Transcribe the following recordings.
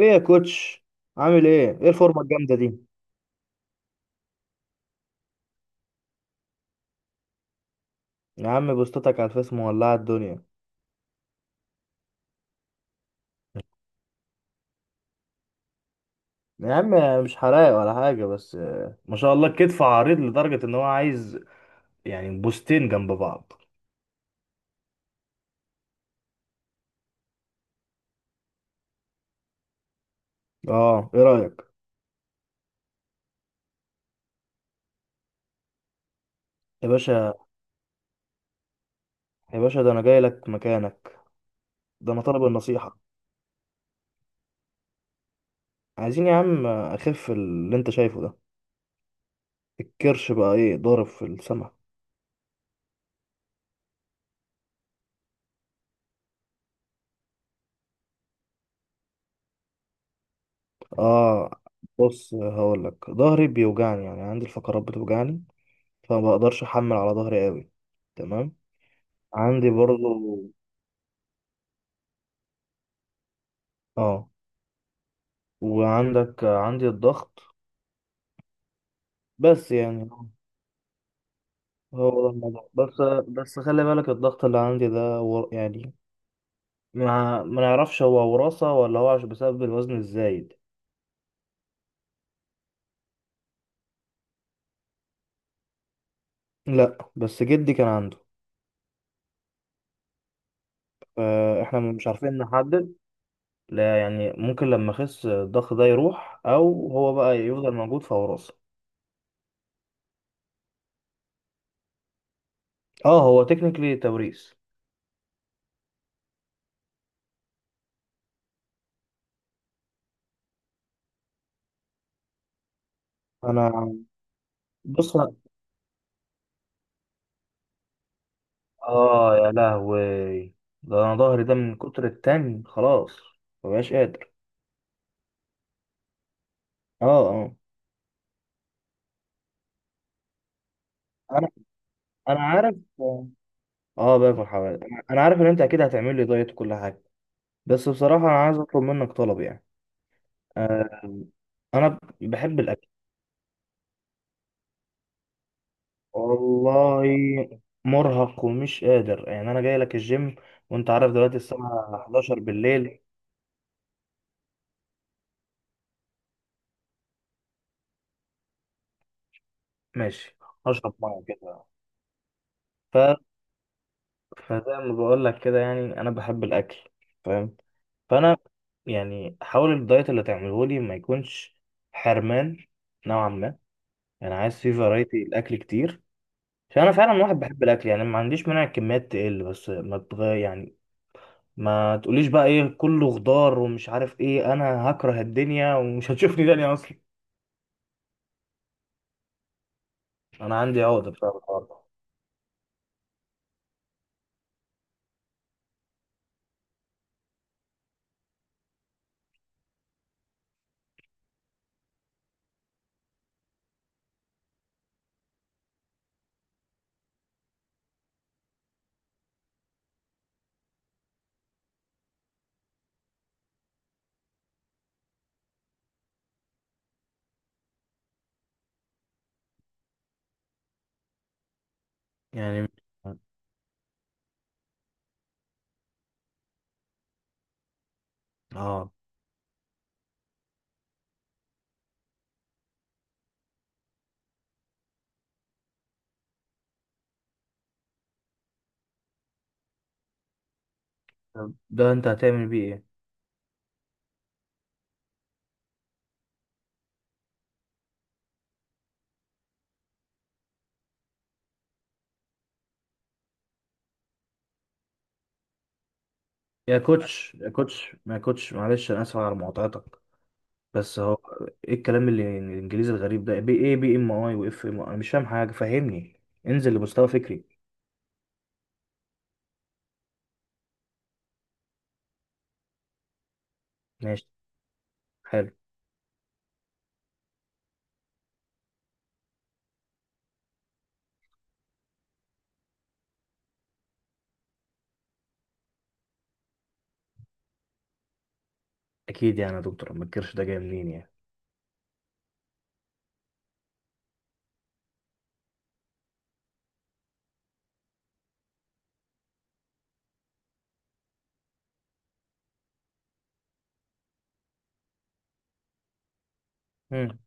ايه يا كوتش؟ عامل ايه؟ ايه الفورمه الجامده دي؟ يا عم، بوستاتك على الفيس مولعه الدنيا. يا عم، مش حراق ولا حاجه، بس ما شاء الله، الكتف عريض لدرجه ان هو عايز يعني بوستين جنب بعض. اه، ايه رايك؟ يا باشا، يا باشا، ده انا جاي لك مكانك. ده انا طالب النصيحه. عايزين يا عم اخف اللي انت شايفه ده. الكرش بقى ايه، ضارب في السما. اه. بص، هقول لك، ظهري بيوجعني، يعني عندي الفقرات بتوجعني. فما بقدرش احمل على ظهري قوي. تمام. عندي برضو. اه، عندي الضغط. بس يعني، هو ده الموضوع بس. بس خلي بالك، الضغط اللي عندي ده يعني، ما نعرفش هو وراثة، ولا هو عشان بسبب الوزن الزايد. لا، بس جدي كان عنده. فاحنا مش عارفين نحدد. لا يعني، ممكن لما اخس الضغط ده يروح، او هو بقى يفضل موجود، فوراثة. اه، هو تكنيكلي توريث. انا بص. اه يا لهوي، ده انا ظهري ده من كتر التاني، خلاص مبقاش قادر. اه، اه، انا انا عارف. اه، باكل حوالي، انا عارف ان انت اكيد هتعمل لي دايت وكل حاجه. بس بصراحه انا عايز اطلب منك طلب يعني. آه انا ب- بحب الاكل. والله، مرهق ومش قادر، يعني انا جاي لك الجيم، وانت عارف دلوقتي الساعه 11 بالليل. ماشي، هشرب ميه كده. ف... فزي ما بقول لك كده، يعني انا بحب الاكل، فاهم. فانا يعني، حاول الدايت اللي تعمله لي ما يكونش حرمان، نوعا ما. يعني عايز فيه فرايتي، الاكل كتير، عشان انا فعلا واحد بحب الاكل يعني. ما عنديش مانع الكميات تقل، بس ما تغير يعني. ما تقوليش بقى ايه، كله خضار ومش عارف ايه، انا هكره الدنيا ومش هتشوفني تاني اصلا. انا عندي عقدة بسبب الحوار ده. يعني، اه، طب، ده انت هتعمل بيه ايه؟ يا كوتش، يا كوتش، ما يا كوتش معلش، انا اسف على مقاطعتك. بس هو، ايه الكلام اللي الانجليزي الغريب ده؟ بي ايه، بي ام اي، واف ام اي؟ انا مش فاهم حاجه، فهمني. انزل لمستوى فكري. ماشي، حلو. اكيد يعني، يا دكتور، ما تكرش ده جاي منين يعني؟ مم.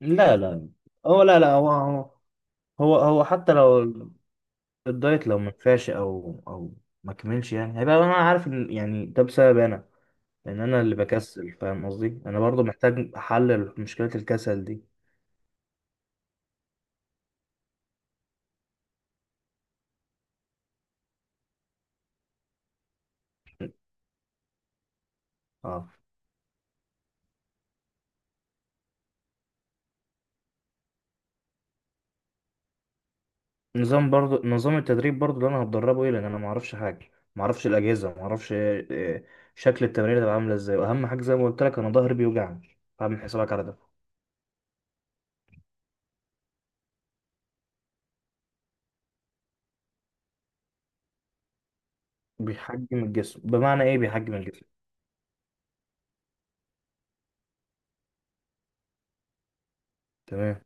لا لا، هو، لا لا، هو حتى لو الدايت لو ما نفعش، او ما كملش، يعني هيبقى انا عارف ان يعني ده بسبب انا، لان انا اللي بكسل، فاهم قصدي. انا برضو محتاج احلل مشكله الكسل دي. اه، نظام برضو، نظام التدريب برضو اللي انا هتدربه ايه؟ لان انا ما اعرفش حاجه، ما اعرفش الاجهزه، ما اعرفش شكل التمرين هتبقى عامله ازاي. واهم حاجه زي ما قلت لك، انا ظهري بيوجعني، فاعمل حسابك على ده. بيحجم الجسم بمعنى ايه بيحجم الجسم؟ تمام.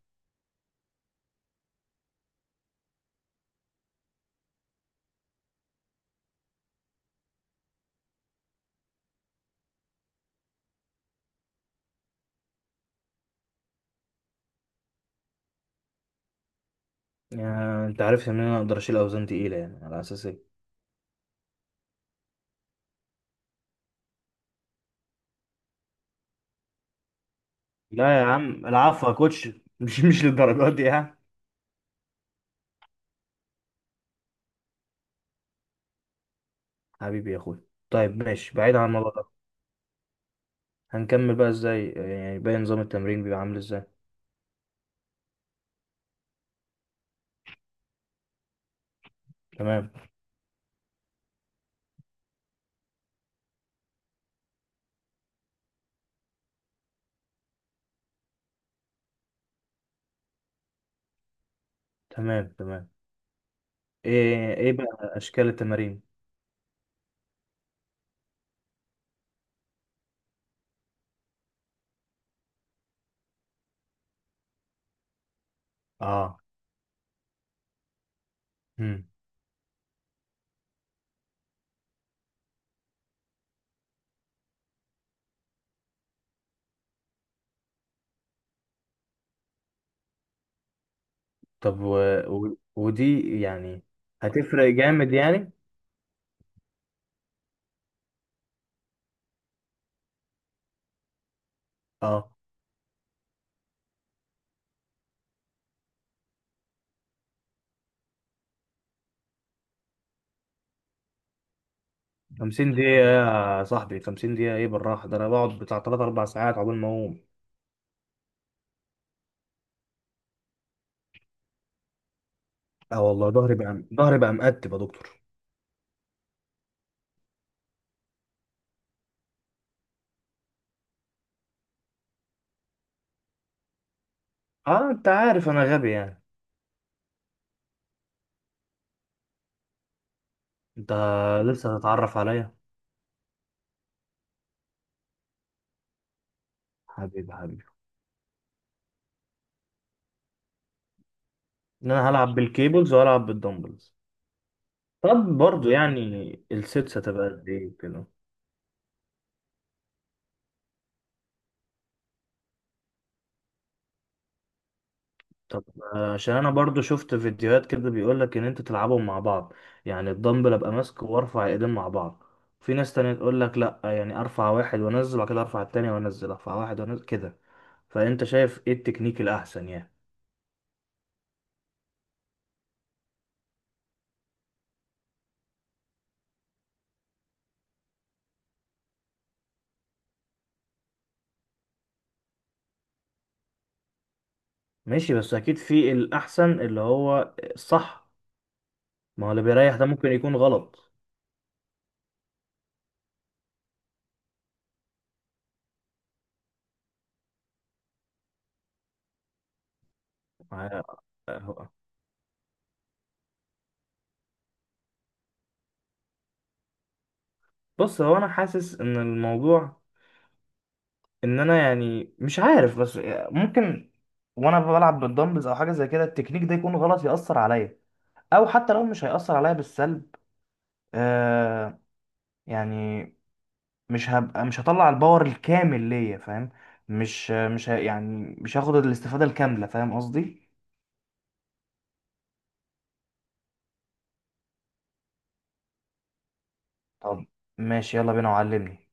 يعني انت عارف ان انا اقدر اشيل اوزان تقيله، يعني على اساس ايه؟ لا يا عم العفو يا كوتش مش للدرجات دي يعني. حبيبي يا اخوي. طيب ماشي، بعيد عن الموضوع ده، هنكمل بقى ازاي يعني؟ باقي نظام التمرين بيبقى عامل ازاي؟ تمام، تمام، تمام. ايه، ايه بقى اشكال التمارين؟ اه. مم. طب، ودي يعني هتفرق جامد يعني؟ اه، 50 دقيقة؟ يا صاحبي، 50 دقيقة ايه بالراحة، ده انا بقعد بتاع 3 4 ساعات عقبال ما اقوم. اه والله، ظهري بقى مقتب يا دكتور. اه، انت عارف انا غبي يعني. انت لسه هتتعرف عليا. حبيبي، حبيبي. ان انا هلعب بالكيبلز وهلعب بالدمبلز. طب برضو يعني، السيتس هتبقى قد ايه كده؟ طب، عشان انا برضو شفت فيديوهات كده بيقولك ان انت تلعبهم مع بعض. يعني الدمبل ابقى ماسكه، وارفع ايدين مع بعض. في ناس تانية تقولك لا، يعني ارفع واحد وانزل، وبعد كده ارفع التاني وانزل، ارفع واحد وانزل كده. فانت شايف ايه التكنيك الاحسن يعني؟ ماشي، بس اكيد في الاحسن اللي هو الصح. ما هو اللي بيريح ده ممكن يكون غلط. آه، آه، بص، هو انا حاسس ان الموضوع، ان انا يعني مش عارف، بس ممكن وانا بلعب بالدمبلز او حاجه زي كده، التكنيك ده يكون غلط، ياثر عليا. او حتى لو مش هياثر عليا بالسلب، آه يعني مش هبقى، مش هطلع الباور الكامل ليا، فاهم؟ مش مش ه- يعني مش هاخد الاستفاده الكامله، فاهم قصدي؟ طب ماشي، يلا بينا وعلمني.